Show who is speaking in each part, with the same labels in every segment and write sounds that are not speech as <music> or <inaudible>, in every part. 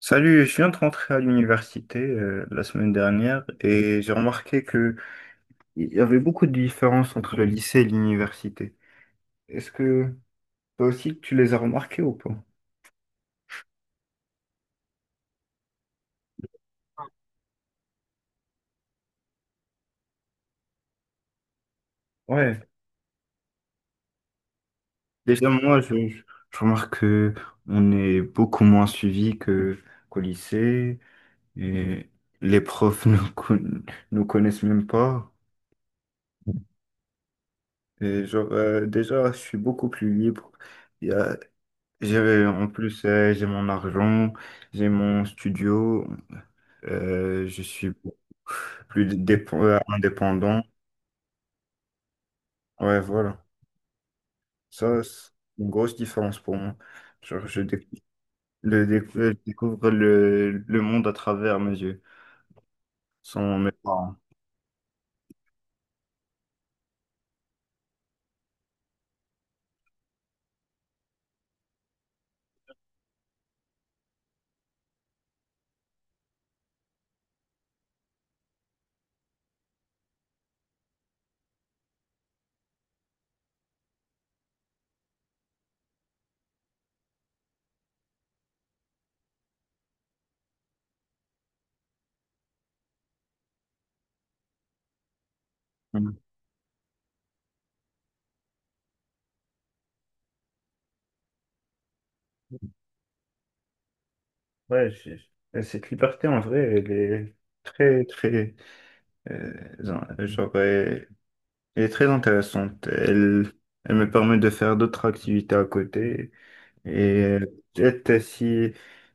Speaker 1: Salut, je viens de rentrer à l'université la semaine dernière et j'ai remarqué que il y avait beaucoup de différences entre le lycée et l'université. Est-ce que toi aussi tu les as remarquées ou pas? Ouais, déjà moi je remarque que on est beaucoup moins suivi que qu'au lycée et les profs <laughs> nous connaissent même pas. Et genre déjà je suis beaucoup plus libre. Il y a- j'ai en plus j'ai mon argent, j'ai mon studio. Je suis plus indépendant. Ouais, voilà. Ça, c'est une grosse différence pour moi. Genre, je découvre le monde à travers mes yeux, sans mes parents. Mm. Ouais, et cette liberté, en vrai, elle est très, très, euh, genre, elle est très intéressante. Elle me permet de faire d'autres activités à côté. Et peut-être si,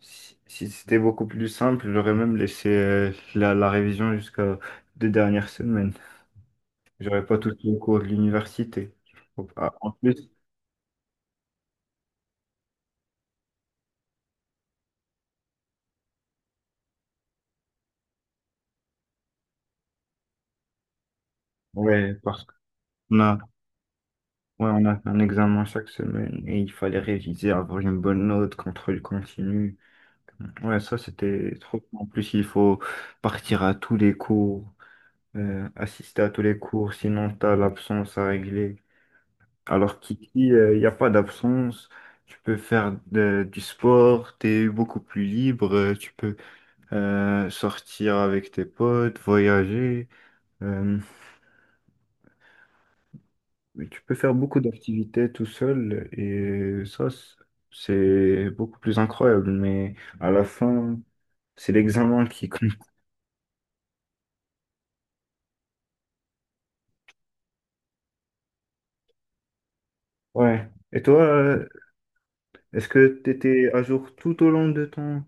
Speaker 1: si, si c'était beaucoup plus simple, j'aurais même laissé la révision jusqu'à 2 dernières semaines. J'aurais pas tout les cours de l'université. Ah, en plus, ouais, parce qu'on a, ouais, on a un examen chaque semaine et il fallait réviser, avoir une bonne note, contrôle continu. Ouais, ça c'était trop. En plus, il faut partir à tous les cours, assister à tous les cours, sinon t'as l'absence à régler. Alors Kiki, il n'y a pas d'absence, tu peux faire du sport, tu es beaucoup plus libre, tu peux sortir avec tes potes, voyager, euh, tu peux faire beaucoup d'activités tout seul et ça, c'est beaucoup plus incroyable, mais à la fin, c'est l'examen qui compte. Ouais. Et toi, est-ce que tu étais à jour tout au long de ton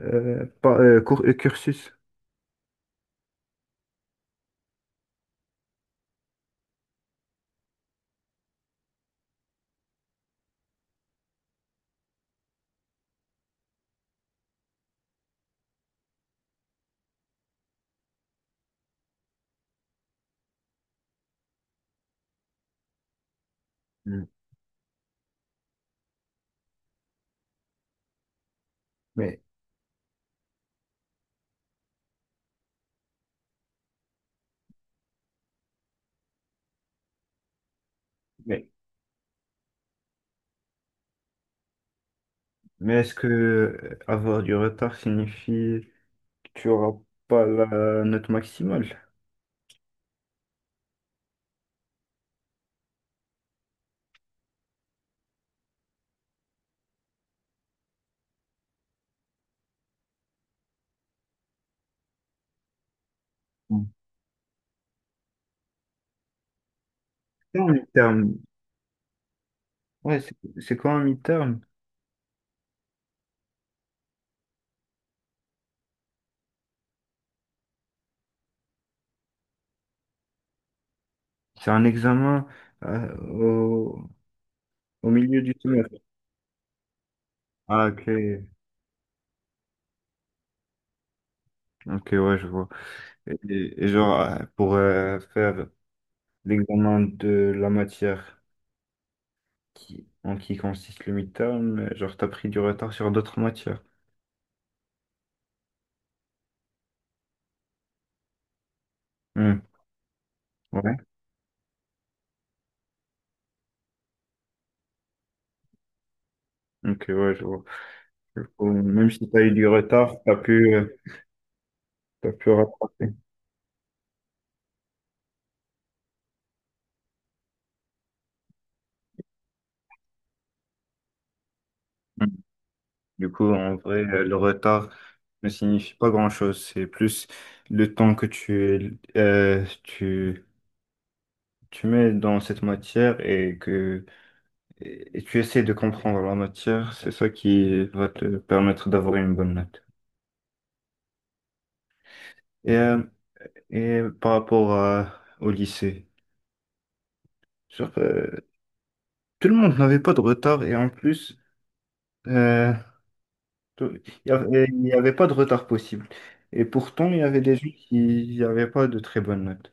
Speaker 1: cursus? Mm. Mais, mais Mais est-ce que avoir du retard signifie que tu n'auras pas la note maximale? C'est un mi-terme. Ouais, c'est quoi un mi-terme? C'est un examen euh, au, au milieu du semestre. Ah, ok. Ok, ouais, je vois. Et genre, pour faire l'examen de la matière qui, en qui consiste le mi-terme, genre, t'as pris du retard sur d'autres matières. Hmm. Ouais, ok, ouais, je vois. Du coup, même si t'as eu du retard, t'as pu rattraper. Mm. Du coup, en vrai, le retard ne signifie pas grand-chose. C'est plus le temps que tu mets dans cette matière et que et tu essaies de comprendre la matière. C'est ça qui va te permettre d'avoir une bonne note. Et, euh, et par rapport au lycée, genre, tout le monde n'avait pas de retard et en plus, euh, Tout- il y avait pas de retard possible. Et pourtant, il y avait des gens qui n'avaient pas de très bonnes notes.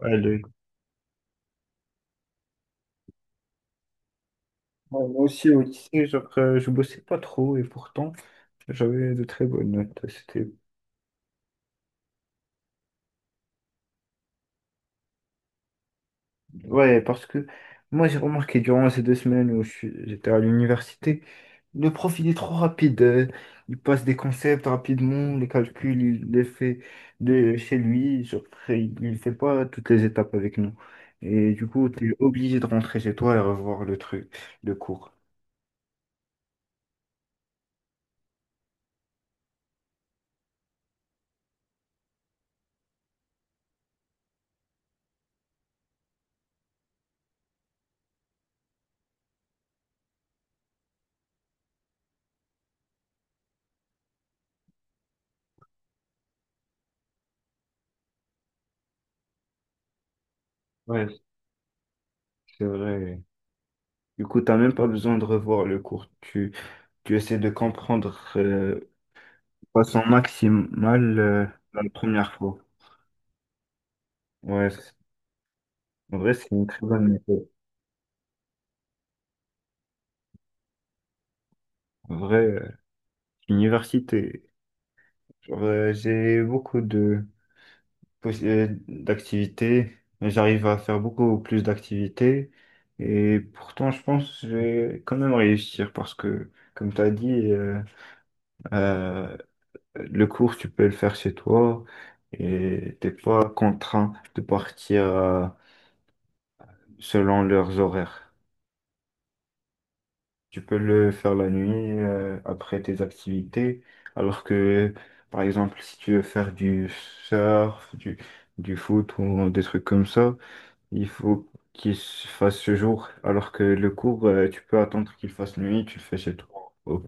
Speaker 1: Ouais, le- Moi aussi, au lycée, genre, je bossais pas trop et pourtant, j'avais de très bonnes notes. C'était... Ouais, parce que moi, j'ai remarqué durant ces 2 semaines où j'étais à l'université. Le profil est trop rapide. Il passe des concepts rapidement, les calculs, il les fait de chez lui. Genre, il ne fait pas toutes les étapes avec nous. Et du coup, tu es obligé de rentrer chez toi et revoir le truc, le cours. Ouais, c'est vrai. Du coup, tu n'as même pas besoin de revoir le cours. Tu essaies de comprendre de façon maximale la première fois. Ouais, en vrai, c'est une très bonne méthode. En vrai, l'université. Genre, j'ai beaucoup d'activités. J'arrive à faire beaucoup plus d'activités. Et pourtant, je pense que je vais quand même réussir parce que, comme tu as dit, euh, le cours, tu peux le faire chez toi et t'es pas contraint de partir selon leurs horaires. Tu peux le faire la nuit après tes activités, alors que, par exemple, si tu veux faire du surf, du foot ou des trucs comme ça, il faut qu'il se fasse ce jour, alors que le cours, tu peux attendre qu'il fasse nuit, tu le fais chez toi. Oh.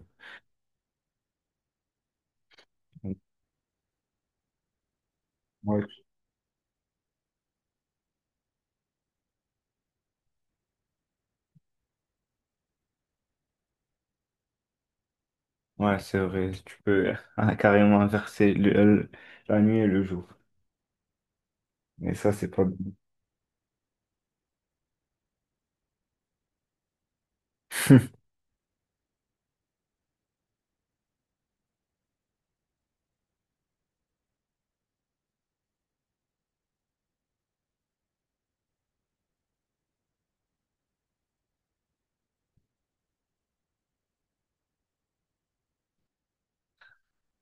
Speaker 1: Ouais. Ouais, c'est vrai, tu peux <laughs> carrément inverser la nuit et le jour. Mais ça, c'est pas bien. <laughs>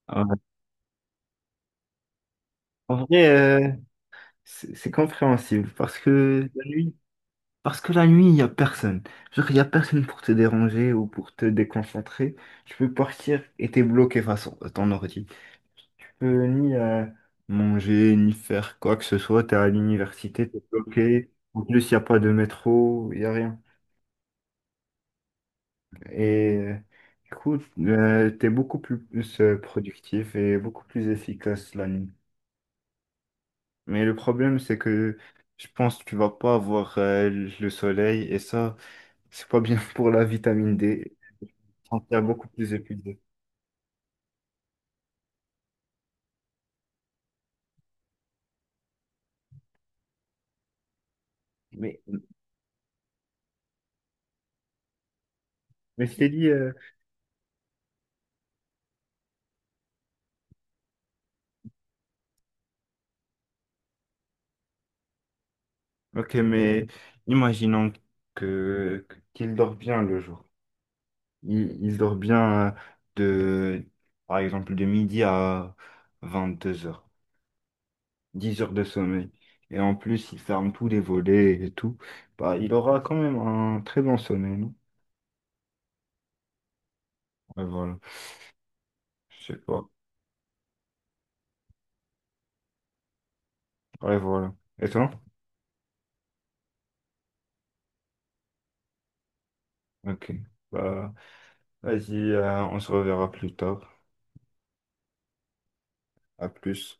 Speaker 1: Ouais. En vrai, c'est compréhensible parce que la nuit, il n'y a personne. Genre, il n'y a personne pour te déranger ou pour te déconcentrer. Tu peux partir et t'es bloqué face à ton ordi. Tu peux ni manger, ni faire quoi que ce soit. T'es à l'université, t'es bloqué. En plus, il n'y a pas de métro, il n'y a rien. Et du coup, t'es beaucoup plus, productif et beaucoup plus efficace la nuit. Mais le problème, c'est que je pense que tu vas pas avoir le soleil et ça, c'est pas bien <laughs> pour la vitamine D. Tu te sentiras beaucoup plus épuisé. Mais, je t'ai dit, ok, mais imaginons que qu'il dort bien le jour. Il dort bien de, par exemple, de midi à 22 heures, 10 heures de sommeil. Et en plus, il ferme tous les volets et tout. Bah, il aura quand même un très bon sommeil, non? Ouais, voilà. Je sais pas. Ouais, voilà. Et toi? Ok. Bah, vas-y, on se reverra plus tard. À plus.